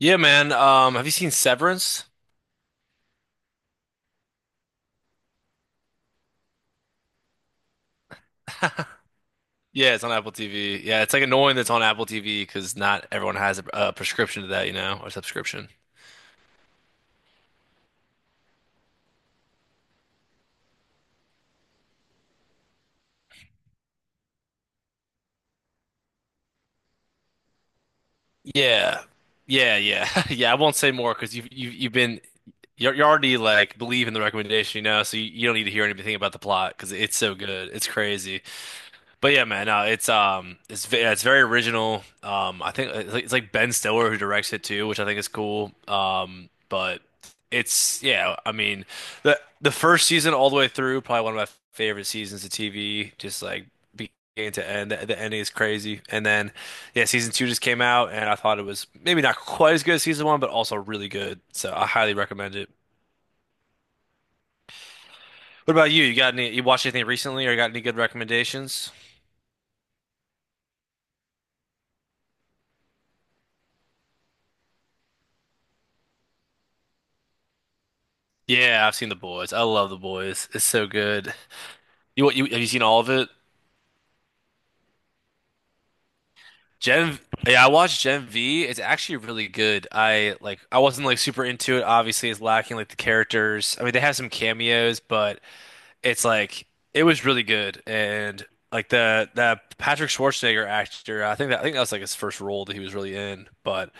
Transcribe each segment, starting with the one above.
Yeah, man. Have you seen Severance? Yeah, it's on Apple TV. Yeah, it's like annoying that it's on Apple TV because not everyone has a prescription to that, you know, or subscription. Yeah, yeah, yeah, yeah. I won't say more because you've been you're already like believe in the recommendation, you know, so you don't need to hear anything about the plot because it's so good. It's crazy. But yeah, man, it's yeah, it's very original. I think it's like Ben Stiller who directs it too, which I think is cool. But it's yeah, I mean, the first season all the way through, probably one of my favorite seasons of TV. Just like beginning to end, the ending is crazy. And then yeah, season two just came out, and I thought it was maybe not quite as good as season one, but also really good. So I highly recommend it. What about you? You got any? You watched anything recently, or you got any good recommendations? Yeah, I've seen The Boys. I love The Boys. It's so good. You what you have you seen all of it? Gen yeah, I watched Gen V. It's actually really good. I like I wasn't like super into it. Obviously, it's lacking like the characters. I mean, they have some cameos, but it's like it was really good. And like the that Patrick Schwarzenegger actor, I think that was like his first role that he was really in. But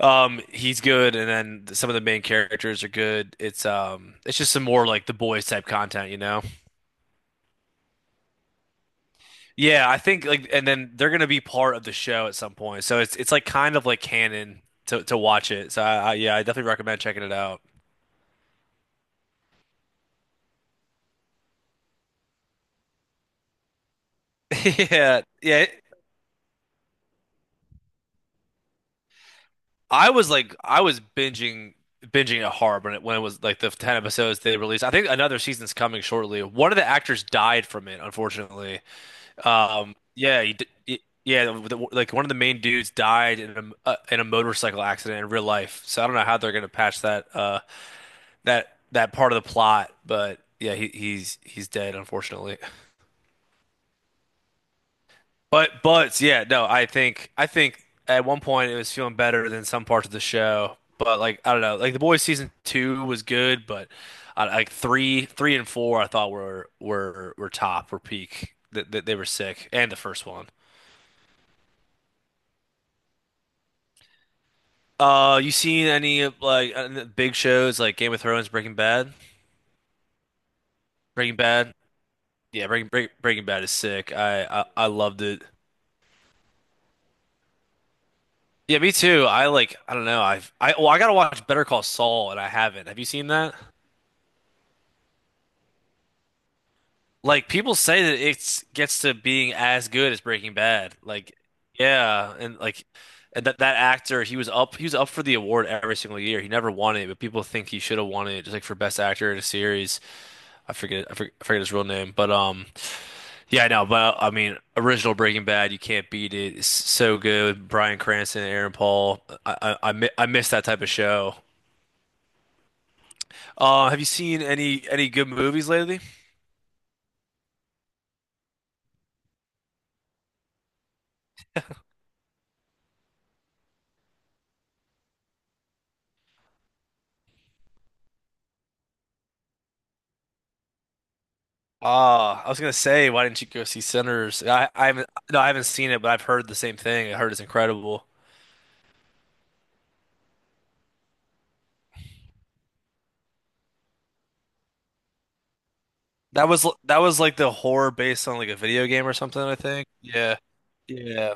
he's good and then some of the main characters are good. It's just some more like The Boys type content, you know? Yeah, I think like, and then they're gonna be part of the show at some point. So it's like kind of like canon to watch it. So I yeah, I definitely recommend checking it out. Yeah, yeah. I was binging it hard when it was like the 10 episodes they released. I think another season's coming shortly. One of the actors died from it, unfortunately. Yeah, yeah, like one of the main dudes died in a motorcycle accident in real life. So I don't know how they're gonna patch that that part of the plot, but yeah, he's dead, unfortunately. But yeah, no, I think at one point it was feeling better than some parts of the show, but like I don't know, like the boys season two was good, but like three and four I thought were peak. That they were sick, and the first one. You seen any of like big shows like Game of Thrones, Breaking Bad? Breaking Bad, yeah, Breaking Bad is sick. I loved it. Yeah, me too. I like I don't know. I've I well I gotta watch Better Call Saul and I haven't. Have you seen that? Like people say that it gets to being as good as Breaking Bad. Like yeah, and like and that actor, he was up for the award every single year. He never won it, but people think he should have won it just like for best actor in a series. I forget his real name, but yeah, I know, but I mean, original Breaking Bad, you can't beat it. It's so good. Bryan Cranston, Aaron Paul. I miss that type of show. Have you seen any good movies lately? Ah, I was gonna say, why didn't you go see Sinners? I haven't, no, I haven't seen it, but I've heard the same thing. I heard it's incredible. That was like the horror based on like a video game or something, I think. Yeah, yeah.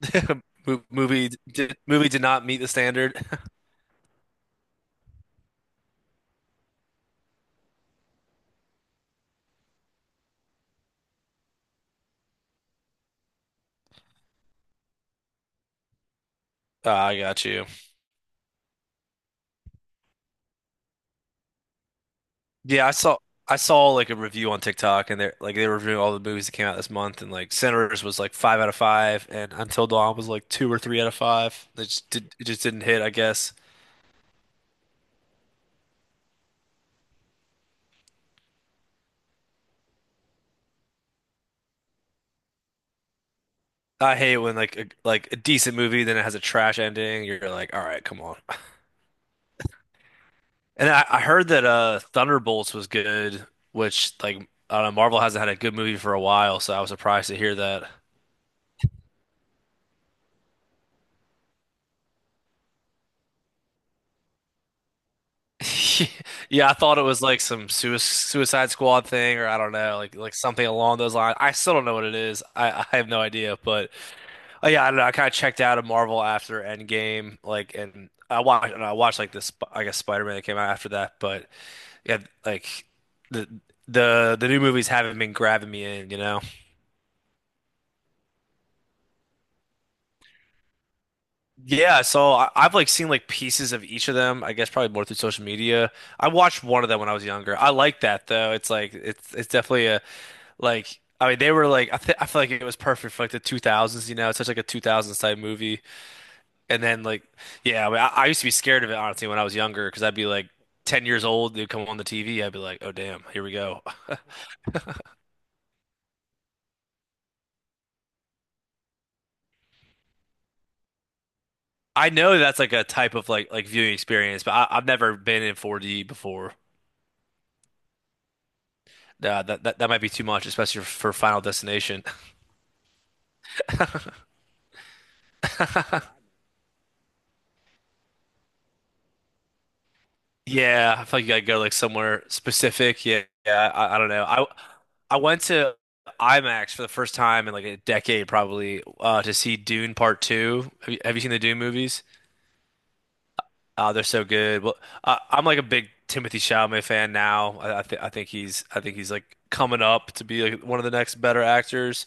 Movie did not meet the standard. Ah, I got you. Yeah, I saw like a review on TikTok, and they were reviewing all the movies that came out this month, and like Sinners was like five out of five, and Until Dawn was like two or three out of five. It just didn't hit, I guess. I hate when like like a decent movie then it has a trash ending. You're like, all right, come on. And I heard that Thunderbolts was good, which like I don't know, Marvel hasn't had a good movie for a while, so I was surprised to hear that. Yeah, I thought it was like some sui Suicide Squad thing, or I don't know, like something along those lines. I still don't know what it is. I have no idea, but oh yeah, I don't know. I kind of checked out of Marvel after Endgame, like, and I watched like this, I guess Spider-Man that came out after that, but. Yeah, like the the new movies haven't been grabbing me in, you know. Yeah, so I've like seen like pieces of each of them. I guess probably more through social media. I watched one of them when I was younger. I like that though. It's like it's definitely a like I mean they were like I feel like it was perfect for like the 2000s, you know. It's such like a 2000s type movie. And then like yeah, I mean, I used to be scared of it, honestly, when I was younger because I'd be like 10 years old, they'd come on the TV, I'd be like, "Oh damn, here we go." I know that's like a type of like viewing experience, but I've never been in 4D before. Nah, that might be too much, especially for Final Destination. Yeah, I feel like you gotta go like somewhere specific. Yeah, yeah. I don't know. I went to IMAX for the first time in like a decade, probably, to see Dune Part Two. Have you seen the Dune movies? They're so good. Well, I'm like a big Timothy Chalamet fan now. I think he's like coming up to be like one of the next better actors.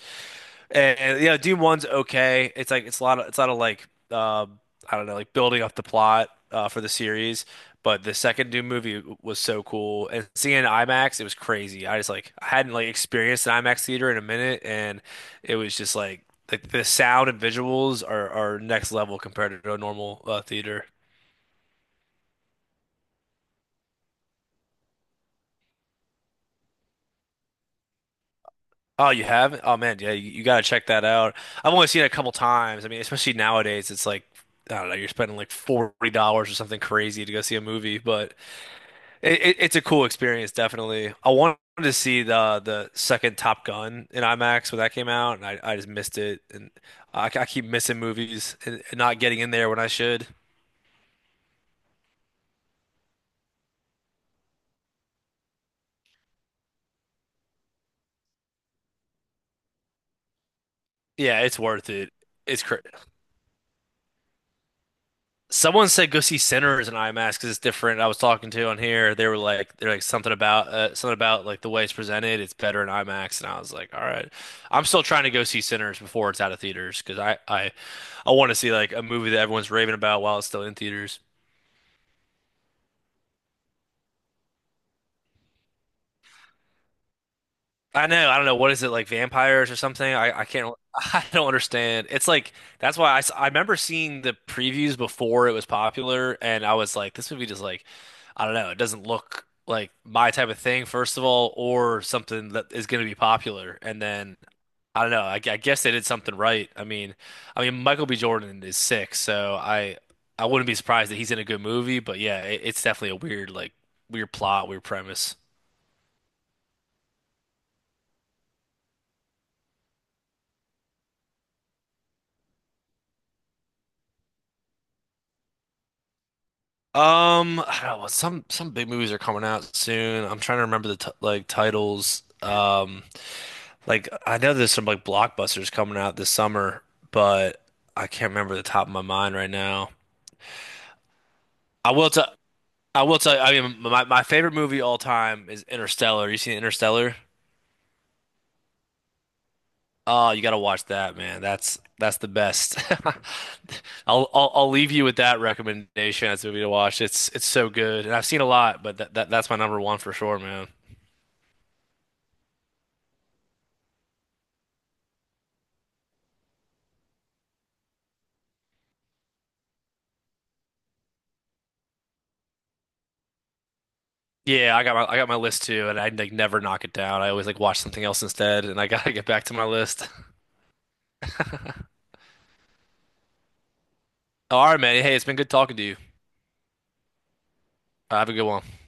And, you know, Dune One's okay. It's like it's a lot of like um, I don't know, like building up the plot for the series. But the second Doom movie was so cool, and seeing it in IMAX, it was crazy. I just like I hadn't like experienced an IMAX theater in a minute, and it was just like the sound and visuals are next level compared to a normal theater. Oh, you haven't? Oh man, yeah, you gotta check that out. I've only seen it a couple times. I mean, especially nowadays, it's like I don't know, you're spending like $40 or something crazy to go see a movie, but it, it's a cool experience, definitely. I wanted to see the second Top Gun in IMAX when that came out, and I just missed it. And I keep missing movies and not getting in there when I should. Yeah, it's worth it. It's cra Someone said go see Sinners in IMAX because it's different. I was talking to on here. They were like, they're like something about like the way it's presented. It's better in IMAX, and I was like, all right. I'm still trying to go see Sinners before it's out of theaters because I want to see like a movie that everyone's raving about while it's still in theaters. I know. I don't know. What is it like vampires or something? I can't, I don't understand. It's like, that's why I remember seeing the previews before it was popular, and I was like, this movie just like, I don't know, it doesn't look like my type of thing, first of all, or something that is going to be popular. And then I don't know. I guess they did something right. I mean, Michael B. Jordan is sick, so I wouldn't be surprised that he's in a good movie, but yeah, it's definitely a weird, like, weird plot, weird premise. I don't know. Some big movies are coming out soon. I'm trying to remember the t like titles. Like I know there's some like blockbusters coming out this summer, but I can't remember the top of my mind right now. I will tell. I will tell you. I mean, my favorite movie all time is Interstellar. You seen Interstellar? Oh, you gotta watch that, man. That's the best. I'll leave you with that recommendation as a movie to watch. It's so good, and I've seen a lot, but that's my number one for sure, man. Yeah, I got my list too, and I like never knock it down. I always like watch something else instead, and I gotta get back to my list. All right, man. Hey, it's been good talking to you. Have a good one.